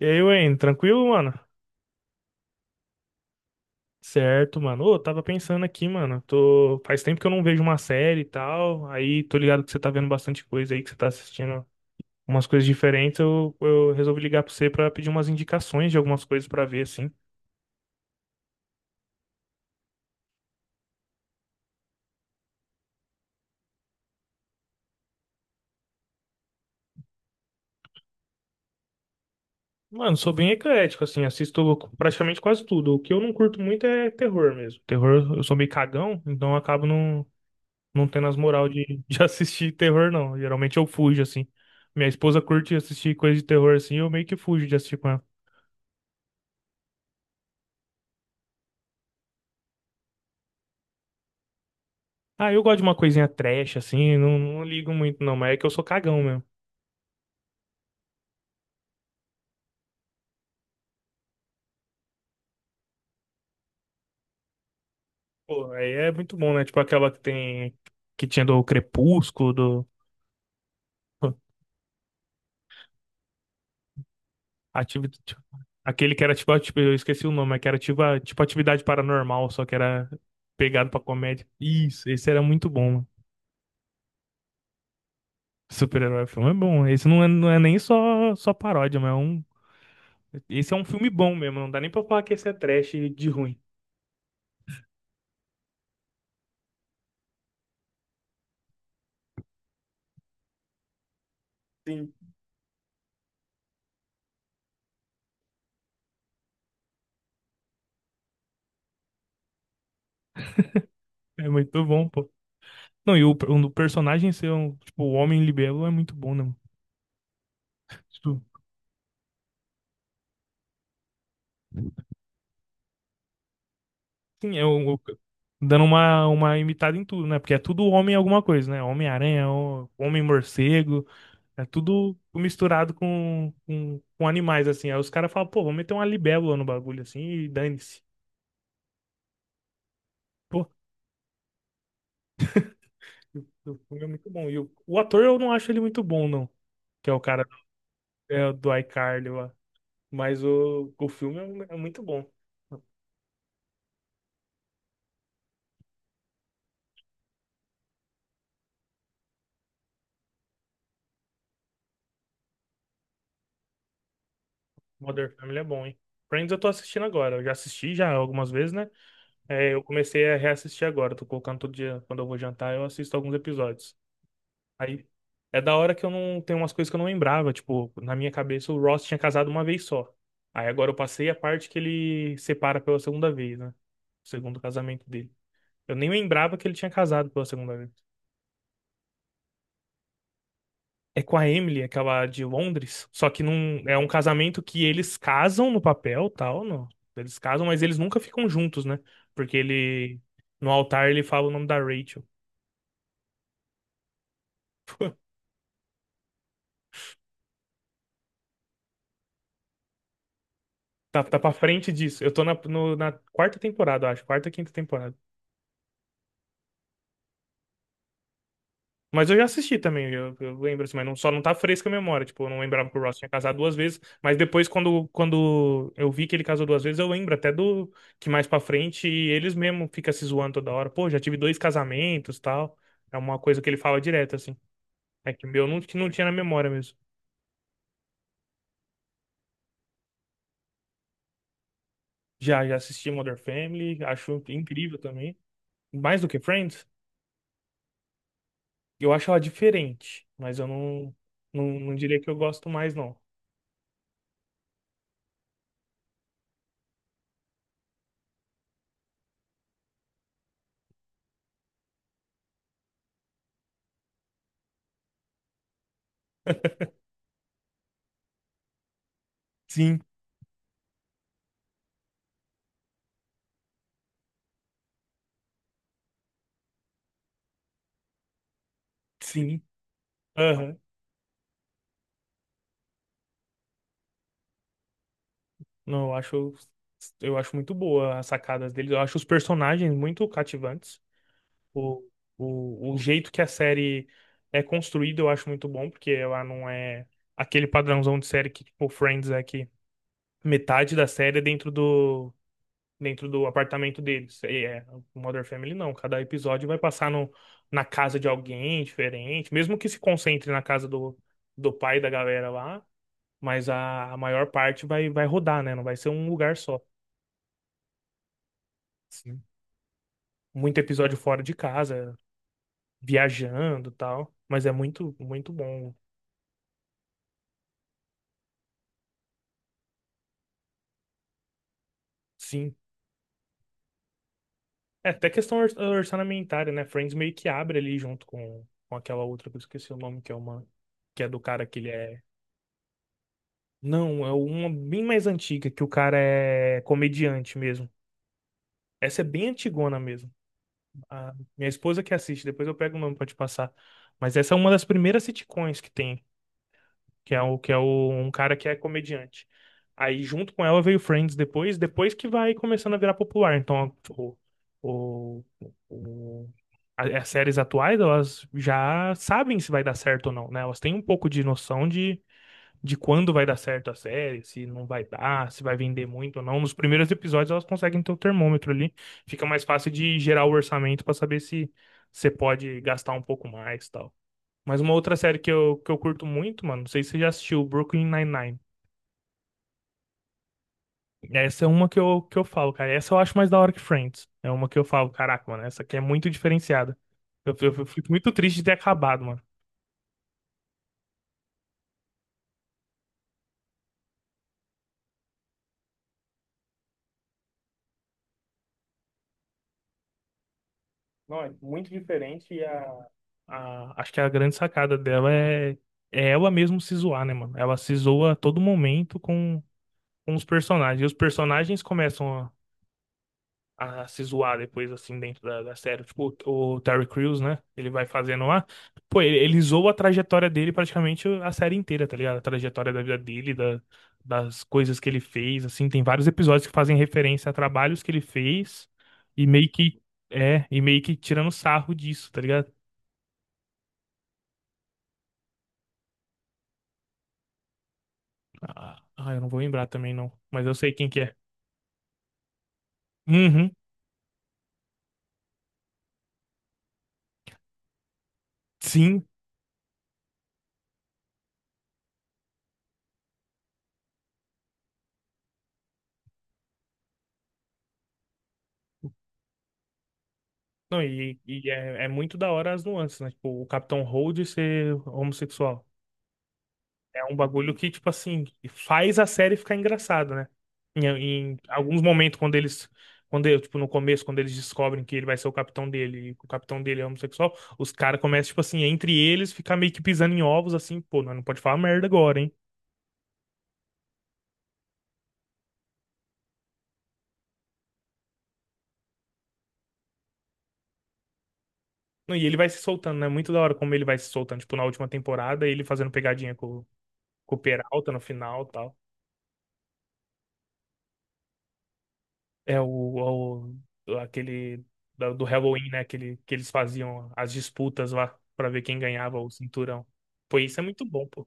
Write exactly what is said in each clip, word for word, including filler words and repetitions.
E aí, Wayne, tranquilo, mano? Certo, mano. Ô, eu tava pensando aqui, mano. Tô... Faz tempo que eu não vejo uma série e tal. Aí tô ligado que você tá vendo bastante coisa aí, que você tá assistindo umas coisas diferentes. Eu, eu resolvi ligar pra você pra pedir umas indicações de algumas coisas pra ver, assim. Mano, sou bem eclético, assim. Assisto praticamente quase tudo. O que eu não curto muito é terror mesmo. Terror, eu sou meio cagão, então eu acabo não, não tendo as moral de, de assistir terror, não. Geralmente eu fujo, assim. Minha esposa curte assistir coisa de terror, assim. Eu meio que fujo de assistir com ela. Ah, eu gosto de uma coisinha trash, assim, não, não ligo muito, não, mas é que eu sou cagão mesmo. Pô, aí é muito bom, né? Tipo aquela que tem. Que tinha do Crepúsculo, do. Ativi... tipo, aquele que era tipo, ah, tipo. Eu esqueci o nome, mas que era tipo, a- tipo atividade paranormal, só que era pegado pra comédia. Isso, esse era muito bom, mano. Super-herói filme é bom. Esse não é, não é nem só, só paródia, mas é um. Esse é um filme bom mesmo, não dá nem pra falar que esse é trash de ruim. Sim. É muito bom, pô. Não, e o, per- o personagem ser um, tipo, o homem libelo é muito bom, né, mano? Tipo, sim, é o, o- dando uma, uma imitada em tudo, né? Porque é tudo homem alguma coisa, né? Homem-aranha, o- homem-morcego, é tudo misturado com, com, com animais, assim. Aí os caras falam, pô, vamos meter uma libélula no bagulho, assim, e dane-se. Pô, o o filme é muito bom. E o, o ator eu não acho ele muito bom, não. Que é o cara é, do iCarly lá. Mas o, o filme é, é muito bom. Modern Family é bom, hein? Friends eu tô assistindo agora. Eu já assisti já algumas vezes, né? É, eu comecei a reassistir agora. Tô colocando todo dia, quando eu vou jantar, eu assisto alguns episódios. Aí é da hora que eu não tenho umas coisas que eu não lembrava. Tipo, na minha cabeça o Ross tinha casado uma vez só. Aí agora eu passei a parte que ele separa pela segunda vez, né? O segundo casamento dele. Eu nem lembrava que ele tinha casado pela segunda vez. É com a Emily, aquela de Londres. Só que não é um casamento que eles casam no papel, tal, não. Eles casam, mas eles nunca ficam juntos, né? Porque ele no altar ele fala o nome da Rachel. Tá, tá pra frente disso. Eu tô na, no- na quarta temporada, eu acho. Quarta, quinta temporada. Mas eu já assisti também, eu, eu lembro assim, mas não, só não tá fresca a memória. Tipo, eu não lembrava que o Ross tinha casado duas vezes, mas depois, quando, quando eu vi que ele casou duas vezes, eu lembro até do que mais pra frente eles mesmo ficam se zoando toda hora. Pô, já tive dois casamentos tal. É uma coisa que ele fala direto, assim. É que o meu não, que não tinha na memória mesmo. Já, já assisti Modern Family, acho incrível também. Mais do que Friends, eu acho ela diferente, mas eu não, não, não diria que eu gosto mais, não. Sim, sim. Aham. Não, eu acho, eu acho muito boa as sacadas deles. Eu acho os personagens muito cativantes. O, o, o jeito que a série é construída eu acho muito bom, porque ela não é aquele padrãozão de série que, tipo, Friends é que metade da série é dentro do, dentro do apartamento deles. E é, o Modern Family não. Cada episódio vai passar no, na casa de alguém diferente, mesmo que se concentre na casa do, do pai da galera lá, mas a, a maior parte vai, vai rodar, né? Não vai ser um lugar só. Muito episódio fora de casa, viajando e tal. Mas é muito, muito bom. Sim. É, até questão or- orçamentária, né? Friends meio que abre ali junto com, com aquela outra que eu esqueci o nome, que é uma. Que é do cara que ele é. Não, é uma bem mais antiga, que o cara é comediante mesmo. Essa é bem antigona mesmo. A minha esposa que assiste, depois eu pego o nome pra te passar. Mas essa é uma das primeiras sitcoms que tem. Que é, o, que é o, um cara que é comediante. Aí, junto com ela, veio Friends depois, depois que vai começando a virar popular. Então, o, o, o- a- as séries atuais, elas já sabem se vai dar certo ou não, né? Elas têm um pouco de noção de, de quando vai dar certo a série, se não vai dar, se vai vender muito ou não. Nos primeiros episódios, elas conseguem ter o termômetro ali. Fica mais fácil de gerar o orçamento para saber se você pode gastar um pouco mais, tal. Mas uma outra série que eu, que eu curto muito, mano, não sei se você já assistiu, Brooklyn Nine-Nine. Essa é uma que eu, que eu falo, cara. Essa eu acho mais da hora que Friends. É uma que eu falo, caraca, mano, essa aqui é muito diferenciada. Eu, eu- eu fico muito triste de ter acabado, mano. Não, é muito diferente e a, a- acho que a grande sacada dela é, é ela mesmo se zoar, né, mano? Ela se zoa a todo momento com, com os personagens. E os personagens começam a se zoar depois, assim, dentro da, da série. Tipo, o, o Terry Crews, né? Ele vai fazendo lá. Pô, ele, ele zoa a trajetória dele praticamente a série inteira, tá ligado? A trajetória da vida dele, da, das coisas que ele fez, assim. Tem vários episódios que fazem referência a trabalhos que ele fez e meio que. É, e meio que tirando sarro disso, tá ligado? Ah, ah, eu não vou lembrar também, não. Mas eu sei quem que é. Uhum, sim. Não, e, e é, é muito da hora as nuances, né? Tipo, o Capitão Holt ser homossexual. É um bagulho que, tipo assim, faz a série ficar engraçada, né? Em, em alguns momentos, quando eles. Quando, eu- tipo, no começo, quando eles descobrem que ele vai ser o capitão dele, e que o capitão dele é homossexual, os caras começam, tipo assim, entre eles, ficar meio que pisando em ovos, assim, pô, nós não pode falar merda agora, hein? Não, e ele vai se soltando, né? Muito da hora como ele vai se soltando, tipo, na última temporada, ele fazendo pegadinha com, com o Peralta no final e tal. É o, o- aquele da- do Halloween, né? Aquele, que eles faziam as disputas lá pra ver quem ganhava o cinturão. Pô, isso é muito bom, pô.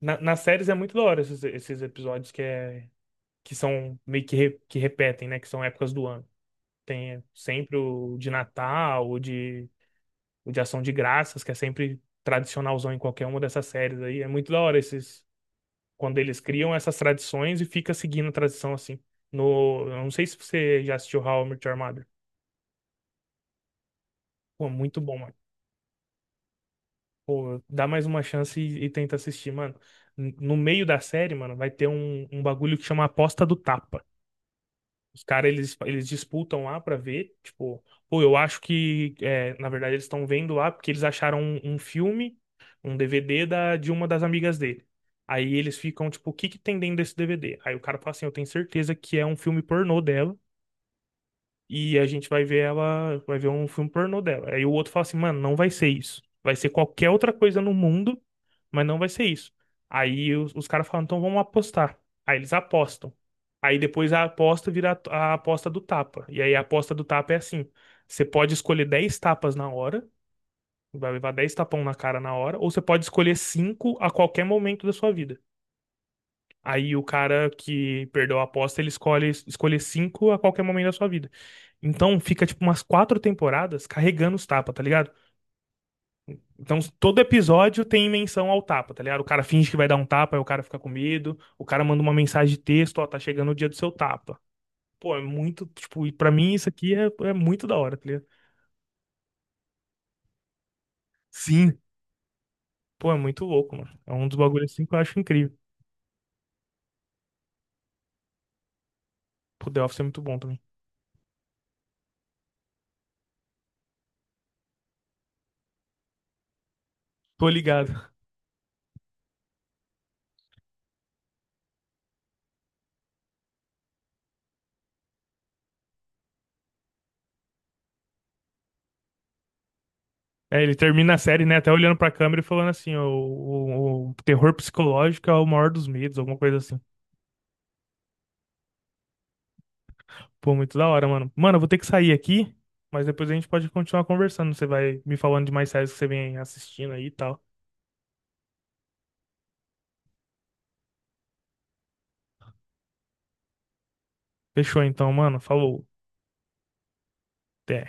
Na- nas séries é muito da hora esses, esses episódios que, é, que são meio que, re- que repetem, né? Que são épocas do ano. Tem sempre o de Natal, o de, o de Ação de Graças, que é sempre tradicionalzão em qualquer uma dessas séries aí. É muito da hora esses, quando eles criam essas tradições e fica seguindo a tradição assim. No, eu não sei se você já assistiu How I Met Your Mother. Pô, muito bom, mano. Pô, dá mais uma chance e, e tenta assistir, mano. N- No meio da série, mano, vai ter um, um bagulho que chama Aposta do Tapa. Os caras, eles, eles disputam lá pra ver, tipo, pô, eu acho que, é, na verdade, eles estão vendo lá porque eles acharam um, um filme, um D V D da, de uma das amigas dele. Aí eles ficam, tipo, o que que tem dentro desse D V D? Aí o cara fala assim, eu tenho certeza que é um filme pornô dela. E a gente vai ver ela, vai ver um filme pornô dela. Aí o outro fala assim, mano, não vai ser isso. Vai ser qualquer outra coisa no mundo, mas não vai ser isso. Aí os, os caras falam, então vamos apostar. Aí eles apostam. Aí depois a aposta vira a, a aposta do tapa. E aí a aposta do tapa é assim: você pode escolher dez tapas na hora, vai levar dez tapão na cara na hora, ou você pode escolher cinco a qualquer momento da sua vida. Aí o cara que perdeu a aposta, ele escolhe escolher cinco a qualquer momento da sua vida. Então fica tipo umas quatro temporadas carregando os tapas, tá ligado? Então todo episódio tem menção ao tapa, tá ligado? O cara finge que vai dar um tapa, aí o cara fica com medo, o cara manda uma mensagem de texto, ó, tá chegando o dia do seu tapa. Pô, é muito, tipo, e pra mim isso aqui é, é muito da hora, tá ligado? Sim. Pô, é muito louco, mano. É um dos bagulhos assim que eu acho incrível. Pô, The Office é muito bom também. Tô ligado. É, ele termina a série, né, até olhando pra câmera e falando assim, o, o, o terror psicológico é o maior dos medos, alguma coisa assim. Pô, muito da hora, mano. Mano, eu vou ter que sair aqui, mas depois a gente pode continuar conversando. Você vai me falando de mais séries que você vem assistindo aí e tal. Fechou então, mano. Falou. Até.